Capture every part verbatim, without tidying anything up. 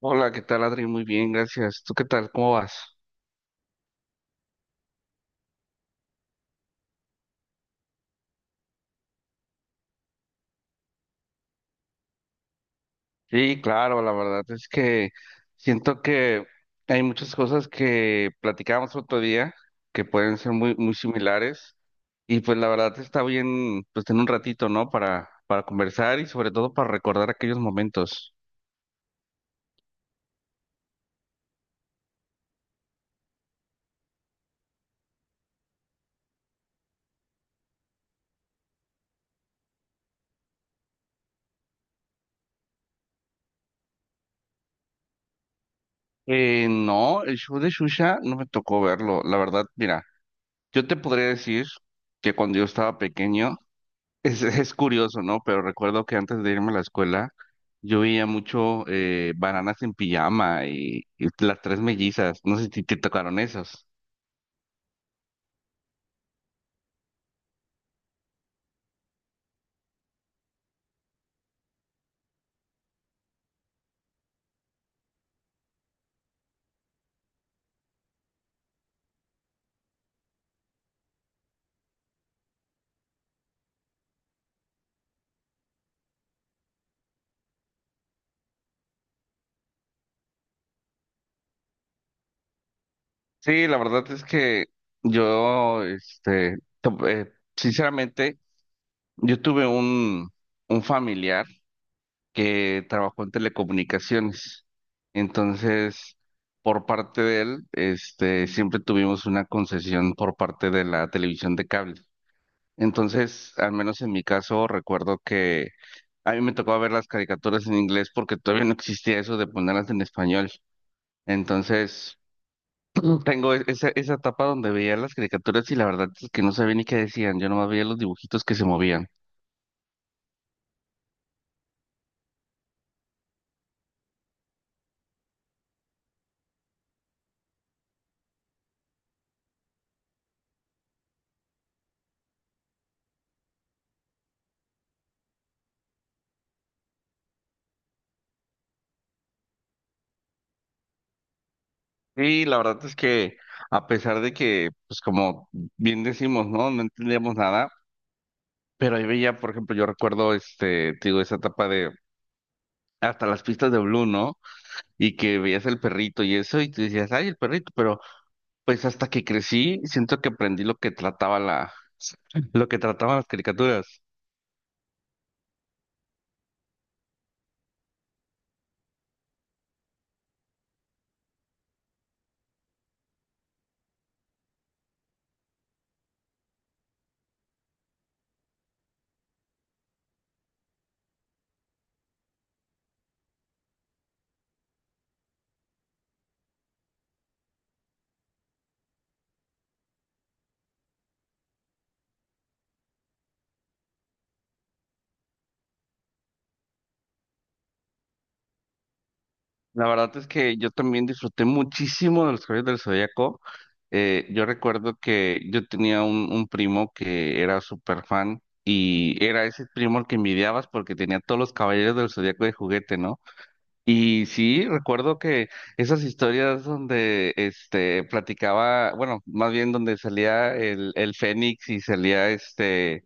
Hola, ¿qué tal, Adri? Muy bien, gracias. ¿Tú qué tal? ¿Cómo vas? Sí, claro, la verdad es que siento que hay muchas cosas que platicábamos otro día que pueden ser muy, muy similares y pues la verdad está bien, pues tener un ratito, ¿no? Para, para conversar y sobre todo para recordar aquellos momentos. Eh, no, el show de Shusha no me tocó verlo, la verdad, mira, yo te podría decir que cuando yo estaba pequeño, Es, es curioso, ¿no? Pero recuerdo que antes de irme a la escuela, yo veía mucho eh, bananas en pijama y, y las tres mellizas. No sé si te tocaron esos. Sí, la verdad es que yo, este, to- eh, sinceramente, yo tuve un, un familiar que trabajó en telecomunicaciones. Entonces, por parte de él, este, siempre tuvimos una concesión por parte de la televisión de cable. Entonces, al menos en mi caso, recuerdo que a mí me tocaba ver las caricaturas en inglés porque todavía no existía eso de ponerlas en español. Entonces, tengo e- esa, esa etapa donde veía las caricaturas y la verdad es que no sabía ni qué decían, yo nomás veía los dibujitos que se movían. Sí, la verdad es que a pesar de que, pues como bien decimos, ¿no? No entendíamos nada, pero ahí veía, por ejemplo, yo recuerdo, este, te digo, esa etapa de hasta las pistas de Blue, ¿no? Y que veías el perrito y eso y te decías, ay, el perrito, pero pues hasta que crecí, siento que aprendí lo que trataba la, lo que trataban las caricaturas. La verdad es que yo también disfruté muchísimo de los Caballeros del Zodíaco. Eh, yo recuerdo que yo tenía un, un primo que era súper fan y era ese primo al que envidiabas porque tenía todos los Caballeros del Zodíaco de juguete, ¿no? Y sí, recuerdo que esas historias donde este platicaba, bueno, más bien donde salía el, el Fénix y salía este,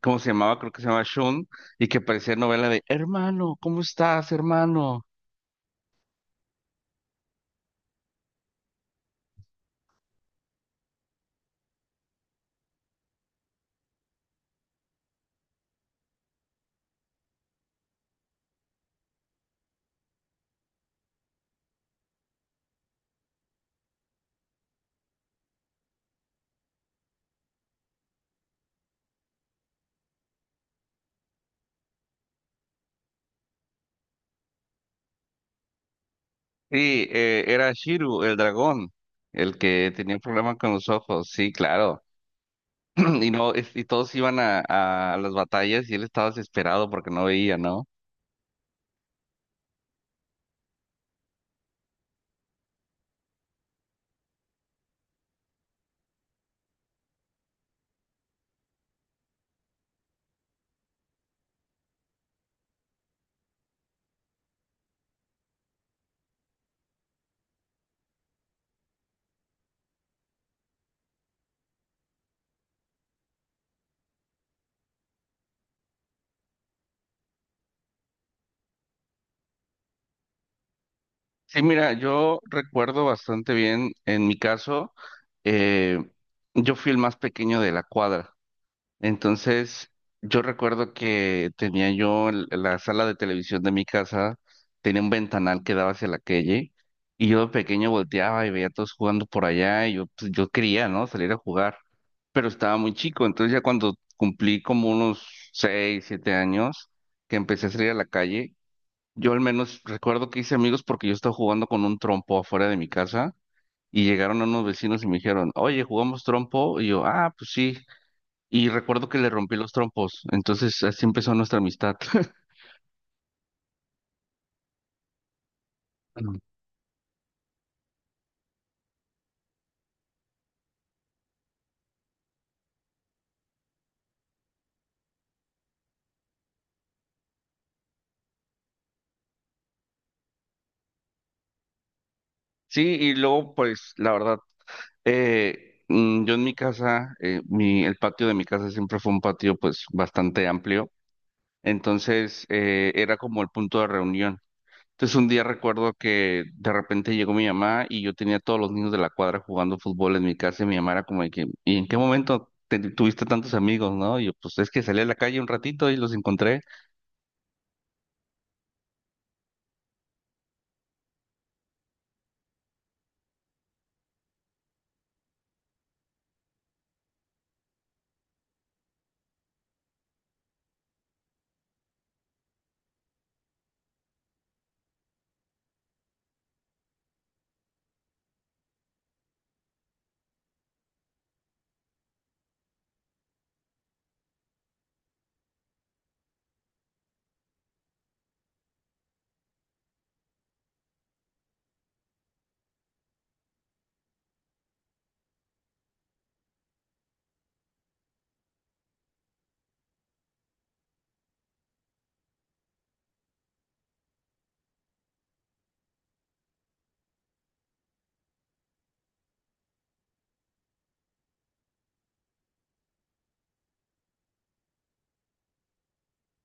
¿cómo se llamaba? Creo que se llamaba Shun, y que parecía novela de, hermano, ¿cómo estás, hermano? Sí, eh, era Shiru, el dragón, el que tenía un problema con los ojos, sí, claro. Y no, es- y todos iban a, a las batallas y él estaba desesperado porque no veía, ¿no? Sí, mira, yo recuerdo bastante bien, en mi caso, eh, yo fui el más pequeño de la cuadra. Entonces, yo recuerdo que tenía yo el- la sala de televisión de mi casa, tenía un ventanal que daba hacia la calle, y yo de pequeño volteaba y veía a todos jugando por allá, y yo, pues, yo quería, ¿no? Salir a jugar, pero estaba muy chico, entonces ya cuando cumplí como unos seis, siete años, que empecé a salir a la calle, yo al menos recuerdo que hice amigos porque yo estaba jugando con un trompo afuera de mi casa, y llegaron unos vecinos y me dijeron, oye, ¿jugamos trompo? Y yo, ah, pues sí. Y recuerdo que le rompí los trompos, entonces así empezó nuestra amistad. Mm. Sí, y luego, pues, la verdad, eh, mm, yo en mi casa, eh, mi, el patio de mi casa siempre fue un patio, pues, bastante amplio, entonces eh, era como el punto de reunión. Entonces un día recuerdo que de repente llegó mi mamá y yo tenía a todos los niños de la cuadra jugando fútbol en mi casa y mi mamá era como de que, ¿y en qué momento te- tuviste tantos amigos, no? Y yo, pues, es que salí a la calle un ratito y los encontré.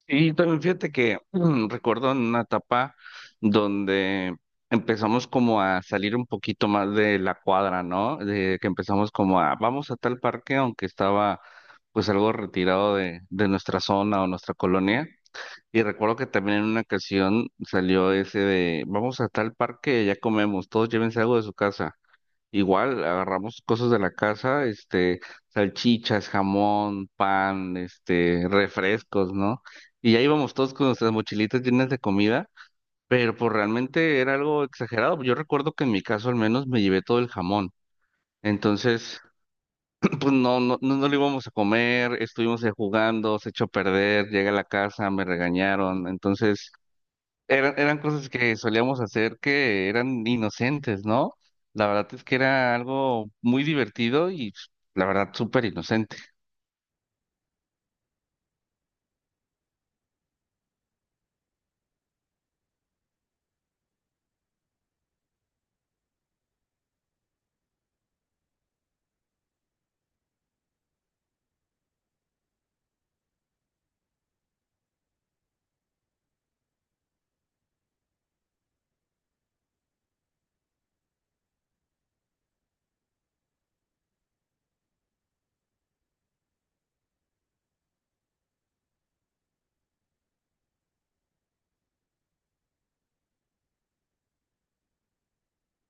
Y también fíjate que mm, recuerdo en una etapa donde empezamos como a salir un poquito más de la cuadra, ¿no? De que empezamos como a, vamos a tal parque, aunque estaba pues algo retirado de, de nuestra zona o nuestra colonia. Y recuerdo que también en una ocasión salió ese de, vamos a tal parque, ya comemos, todos llévense algo de su casa. Igual agarramos cosas de la casa, este, salchichas, jamón, pan, este, refrescos, ¿no? Y ya íbamos todos con nuestras mochilitas llenas de comida, pero pues realmente era algo exagerado. Yo recuerdo que en mi caso al menos me llevé todo el jamón. Entonces, pues no, no, no, no lo íbamos a comer, estuvimos ahí jugando, se echó a perder, llegué a la casa, me regañaron. Entonces, eran, eran cosas que solíamos hacer que eran inocentes, ¿no? La verdad es que era algo muy divertido y pues, la verdad súper inocente.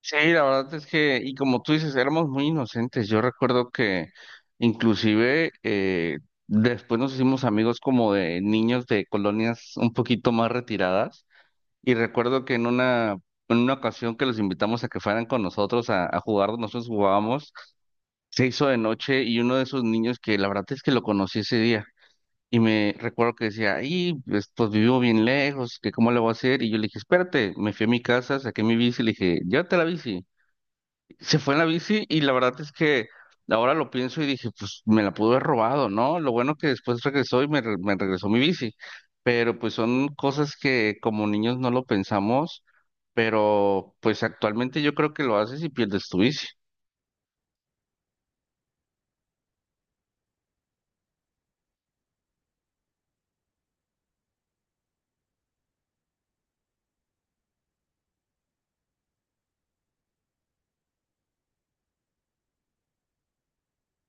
Sí, la verdad es que, y como tú dices, éramos muy inocentes. Yo recuerdo que inclusive eh, después nos hicimos amigos como de niños de colonias un poquito más retiradas y recuerdo que en una... En una ocasión que los invitamos a que fueran con nosotros a, a jugar, nosotros jugábamos, se hizo de noche y uno de esos niños que la verdad es que lo conocí ese día. Y me recuerdo que decía, ahí, pues, pues, vivo bien lejos, que cómo le voy a hacer. Y yo le dije, espérate, me fui a mi casa, saqué mi bici, le dije, llévate la bici. Se fue en la bici y la verdad es que ahora lo pienso y dije, pues me la pudo haber robado, ¿no? Lo bueno que después regresó y me, re- me regresó mi bici. Pero pues son cosas que como niños no lo pensamos, pero pues actualmente yo creo que lo haces y pierdes tu bici.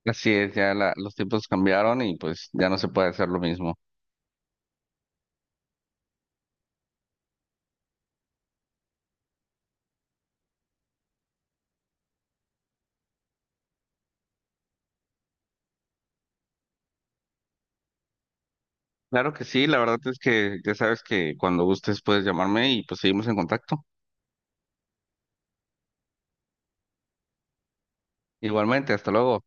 Así es, ya la- los tiempos cambiaron y pues ya no se puede hacer lo mismo. Claro que sí, la verdad es que ya sabes que cuando gustes puedes llamarme y pues seguimos en contacto. Igualmente, hasta luego.